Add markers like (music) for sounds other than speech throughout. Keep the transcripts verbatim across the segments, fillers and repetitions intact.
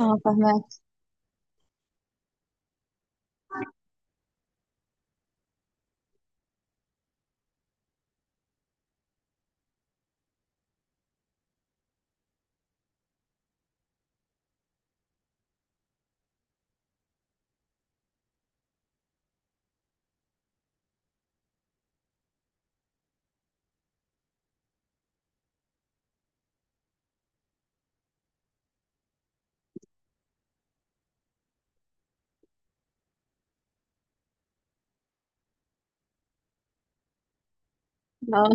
اه فهمك. اه،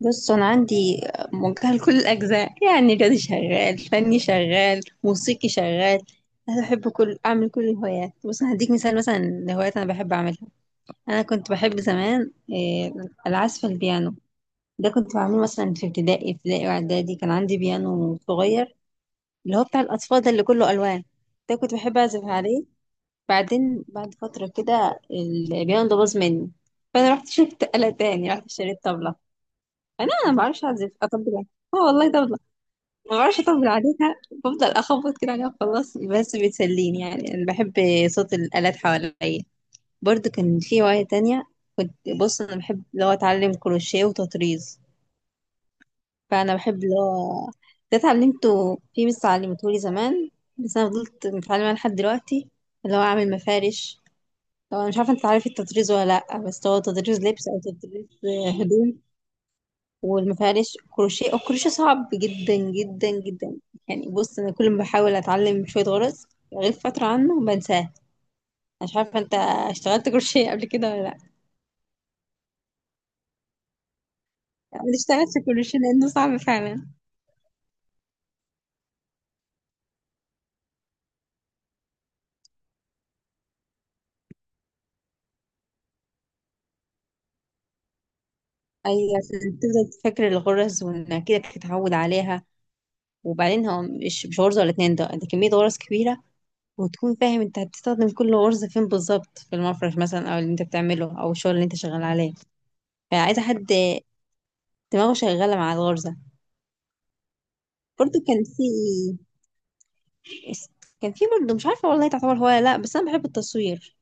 بص، انا عندي موجهه لكل الاجزاء، يعني رياضي شغال، فني شغال، موسيقي شغال. انا بحب كل اعمل كل الهوايات. بص، أنا هديك مثال مثلا لهوايات انا بحب اعملها. انا كنت بحب زمان إيه، العزف على البيانو. ده كنت بعمله مثلا في ابتدائي ابتدائي واعدادي. كان عندي بيانو صغير اللي هو بتاع الاطفال ده اللي كله الوان، ده كنت بحب اعزف عليه. بعدين بعد فتره كده البيانو ده باظ مني، فانا رحت شفت آلة تاني، رحت اشتريت طبلة. انا انا ما بعرفش اعزف اطبل عليها. اه والله طبلة، ما بعرفش اطبل عليها. بفضل اخبط كده عليها وخلاص، بس بتسليني، يعني انا بحب صوت الالات حواليا. برضو كان في هواية تانية، كنت، بص انا بحب اللي هو اتعلم كروشيه وتطريز. فانا بحب اللي هو، ده اتعلمته في مس علمته لي زمان، بس انا فضلت متعلمة لحد دلوقتي، اللي هو اعمل مفارش. طبعا مش عارفة انت عارف التطريز ولا لأ، بس هو تطريز لبس او تطريز هدوم. وما فيهاش كروشيه، الكروشيه صعب جدا جدا جدا. يعني بص انا كل ما بحاول اتعلم شويه غرز، غيب فتره عنه بنساه. مش عارفه انت اشتغلت كروشيه قبل كده ولا لا؟ انا اشتغلت في كروشيه لانه صعب فعلا. ايوه عشان تفضل فاكر الغرز وانك كده تتعود عليها. وبعدين هو مش مش غرزه ولا اتنين، ده ده كميه غرز كبيره. وتكون فاهم انت هتستخدم كل غرزه فين بالظبط في المفرش مثلا او اللي انت بتعمله او الشغل اللي انت شغال عليه. فعايزه حد دماغه شغاله مع الغرزه. برضو كان في، اس- كان في برضه مش عارفة والله تعتبر هواية لا، بس أنا بحب التصوير.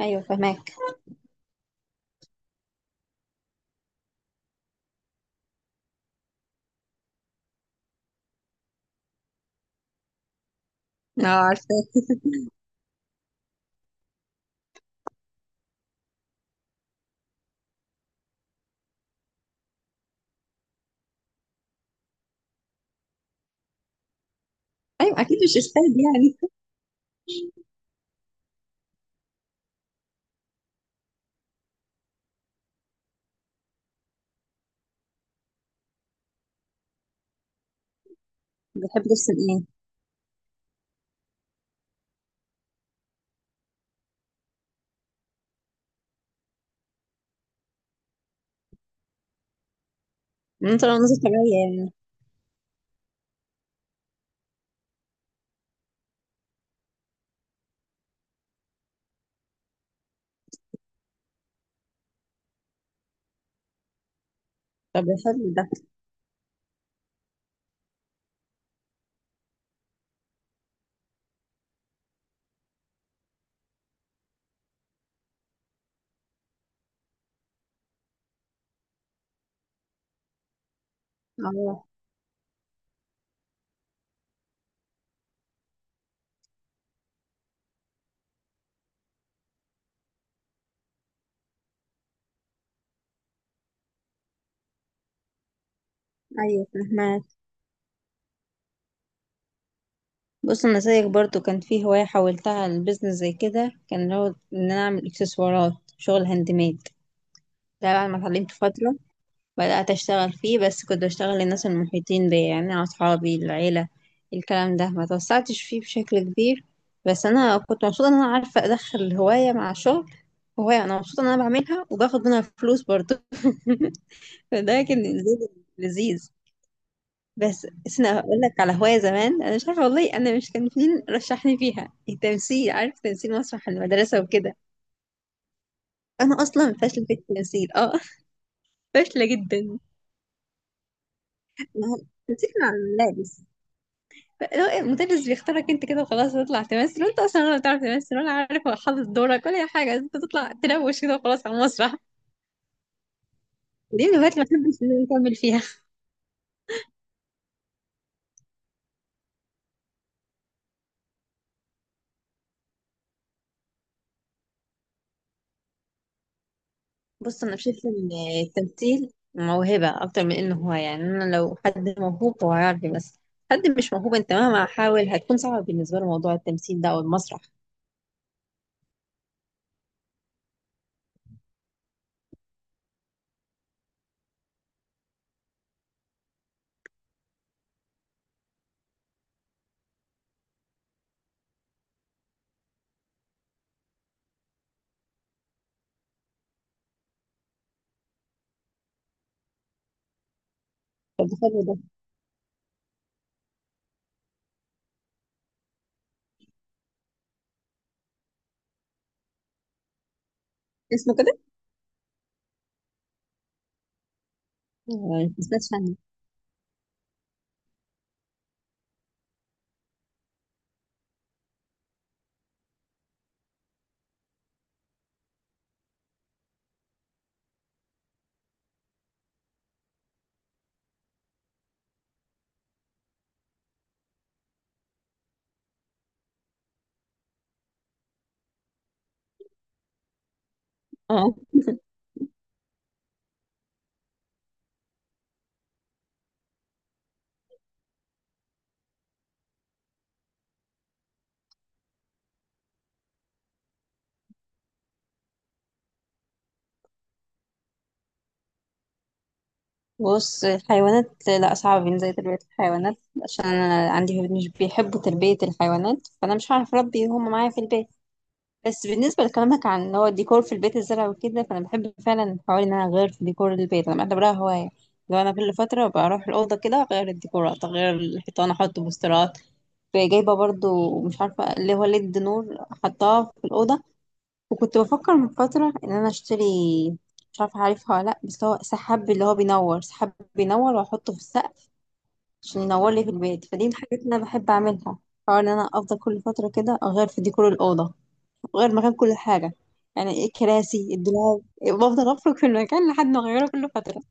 أيوة فهماك. اه عارفة. ايوه اكيد مش استاذ يعني. بتحب ترسم ايه؟ انت لو نظرت طبيعية يعني. طب حلو ده. اه. أيوة فهماك. بص أنا زيك برضه كان في هواية حولتها لبزنس زي كده، كان اللي هو إن أنا أعمل إكسسوارات، شغل هاند ميد. ده بعد ما اتعلمت فترة بدأت أشتغل فيه، بس كنت بشتغل للناس المحيطين بيا، يعني أصحابي، العيلة. الكلام ده ما توسعتش فيه بشكل كبير، بس أنا كنت مبسوطة إن أنا عارفة أدخل هواية مع شغل، هواية أنا مبسوطة إن أنا بعملها وباخد منها فلوس برضه (laughs) فده كان لذيذ لذيذ. بس بس أنا أقول لك على هواية زمان، أنا مش عارفة والله، أنا مش كان مين رشحني فيها، التمثيل، عارف، تمثيل مسرح المدرسة وكده. أنا أصلا فاشلة في التمثيل، أه (laughs) فاشلة جدا. تمثيل مع الملابس، لو إيه، المدرس بيختارك انت كده وخلاص، تطلع تمثل وانت اصلا ولا بتعرف تمثل ولا عارف حافظ دورك ولا اي حاجه، انت تطلع تلوش كده وخلاص على المسرح. دي من الهوايات اللي ما بحبش إن أنا اكمل فيها. بص انا بشوف ان التمثيل موهبه اكتر من انه هو، يعني انا لو حد موهوب هو هيعرف، بس حد مش موهوب انت مهما حاول هتكون صعبه بالنسبه له موضوع التمثيل ده او المسرح. طب ده حلو ده. اسمه كده؟ آه، ما سمعتش عنه. اه بص الحيوانات لا، صعب بالنسبة لي تربية الحيوانات، عشان أنا عندي ولاد مش بيحبوا تربية الحيوانات، فأنا مش هعرف أربي هما معايا في البيت. بس بالنسبة لكلامك عن اللي هو الديكور في البيت، الزرع وكده، فأنا بحب فعلا حوالي إن أنا أغير في ديكور البيت، أنا بعتبرها هواية. لو أنا كل فترة بروح الأوضة كده أغير الديكورات، أغير الحيطان، أحط بوسترات. جايبة برضو مش عارفة اللي هو ليد نور، حطاه في الأوضة. وكنت بفكر من فترة ان انا اشتري، مش عارفة عارفها ولا لا، بس هو سحاب اللي هو بينور، سحاب بينور واحطه في السقف عشان ينور لي في البيت، فدي من الحاجات اللي انا بحب اعملها. حوار ان انا افضل كل فترة كده اغير في ديكور الأوضة، اغير مكان كل حاجة، يعني الكراسي، الدولاب، بفضل افرك في المكان لحد ما اغيره كل فترة.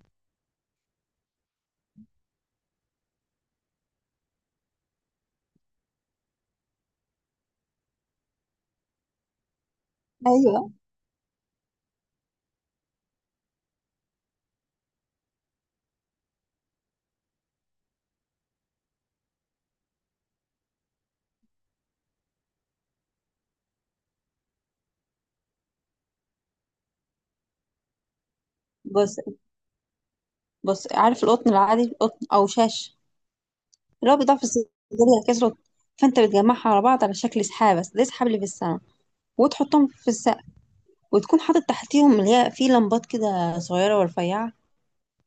ايوه. بص بص عارف القطن العادي، القطن او شاش اللي هو بيضاف في الصيدلية كسرت، فانت بتجمعها على بعض على شكل سحاب، بس ده سحاب اللي في السماء، وتحطهم في السقف، وتكون حاطط تحتيهم اللي هي في لمبات كده صغيرة ورفيعة.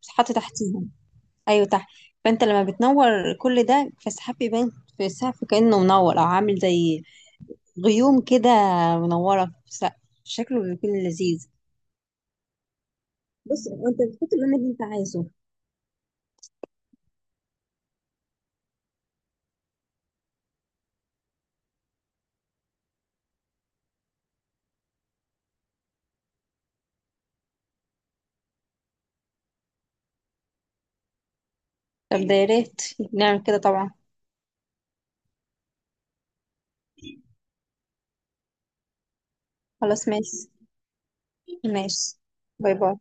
بس حاطط تحتيهم، أيوة تحت. فأنت لما بتنور كل ده فالسحاب بيبان في السقف كأنه منور أو عامل زي غيوم كده، منورة في السقف، شكله بيكون لذيذ. بص أنت بتحط اللون اللي أنت عايزه. طب ده يا ريت، نعمل كده طبعا. خلاص ماشي. ماشي. باي باي.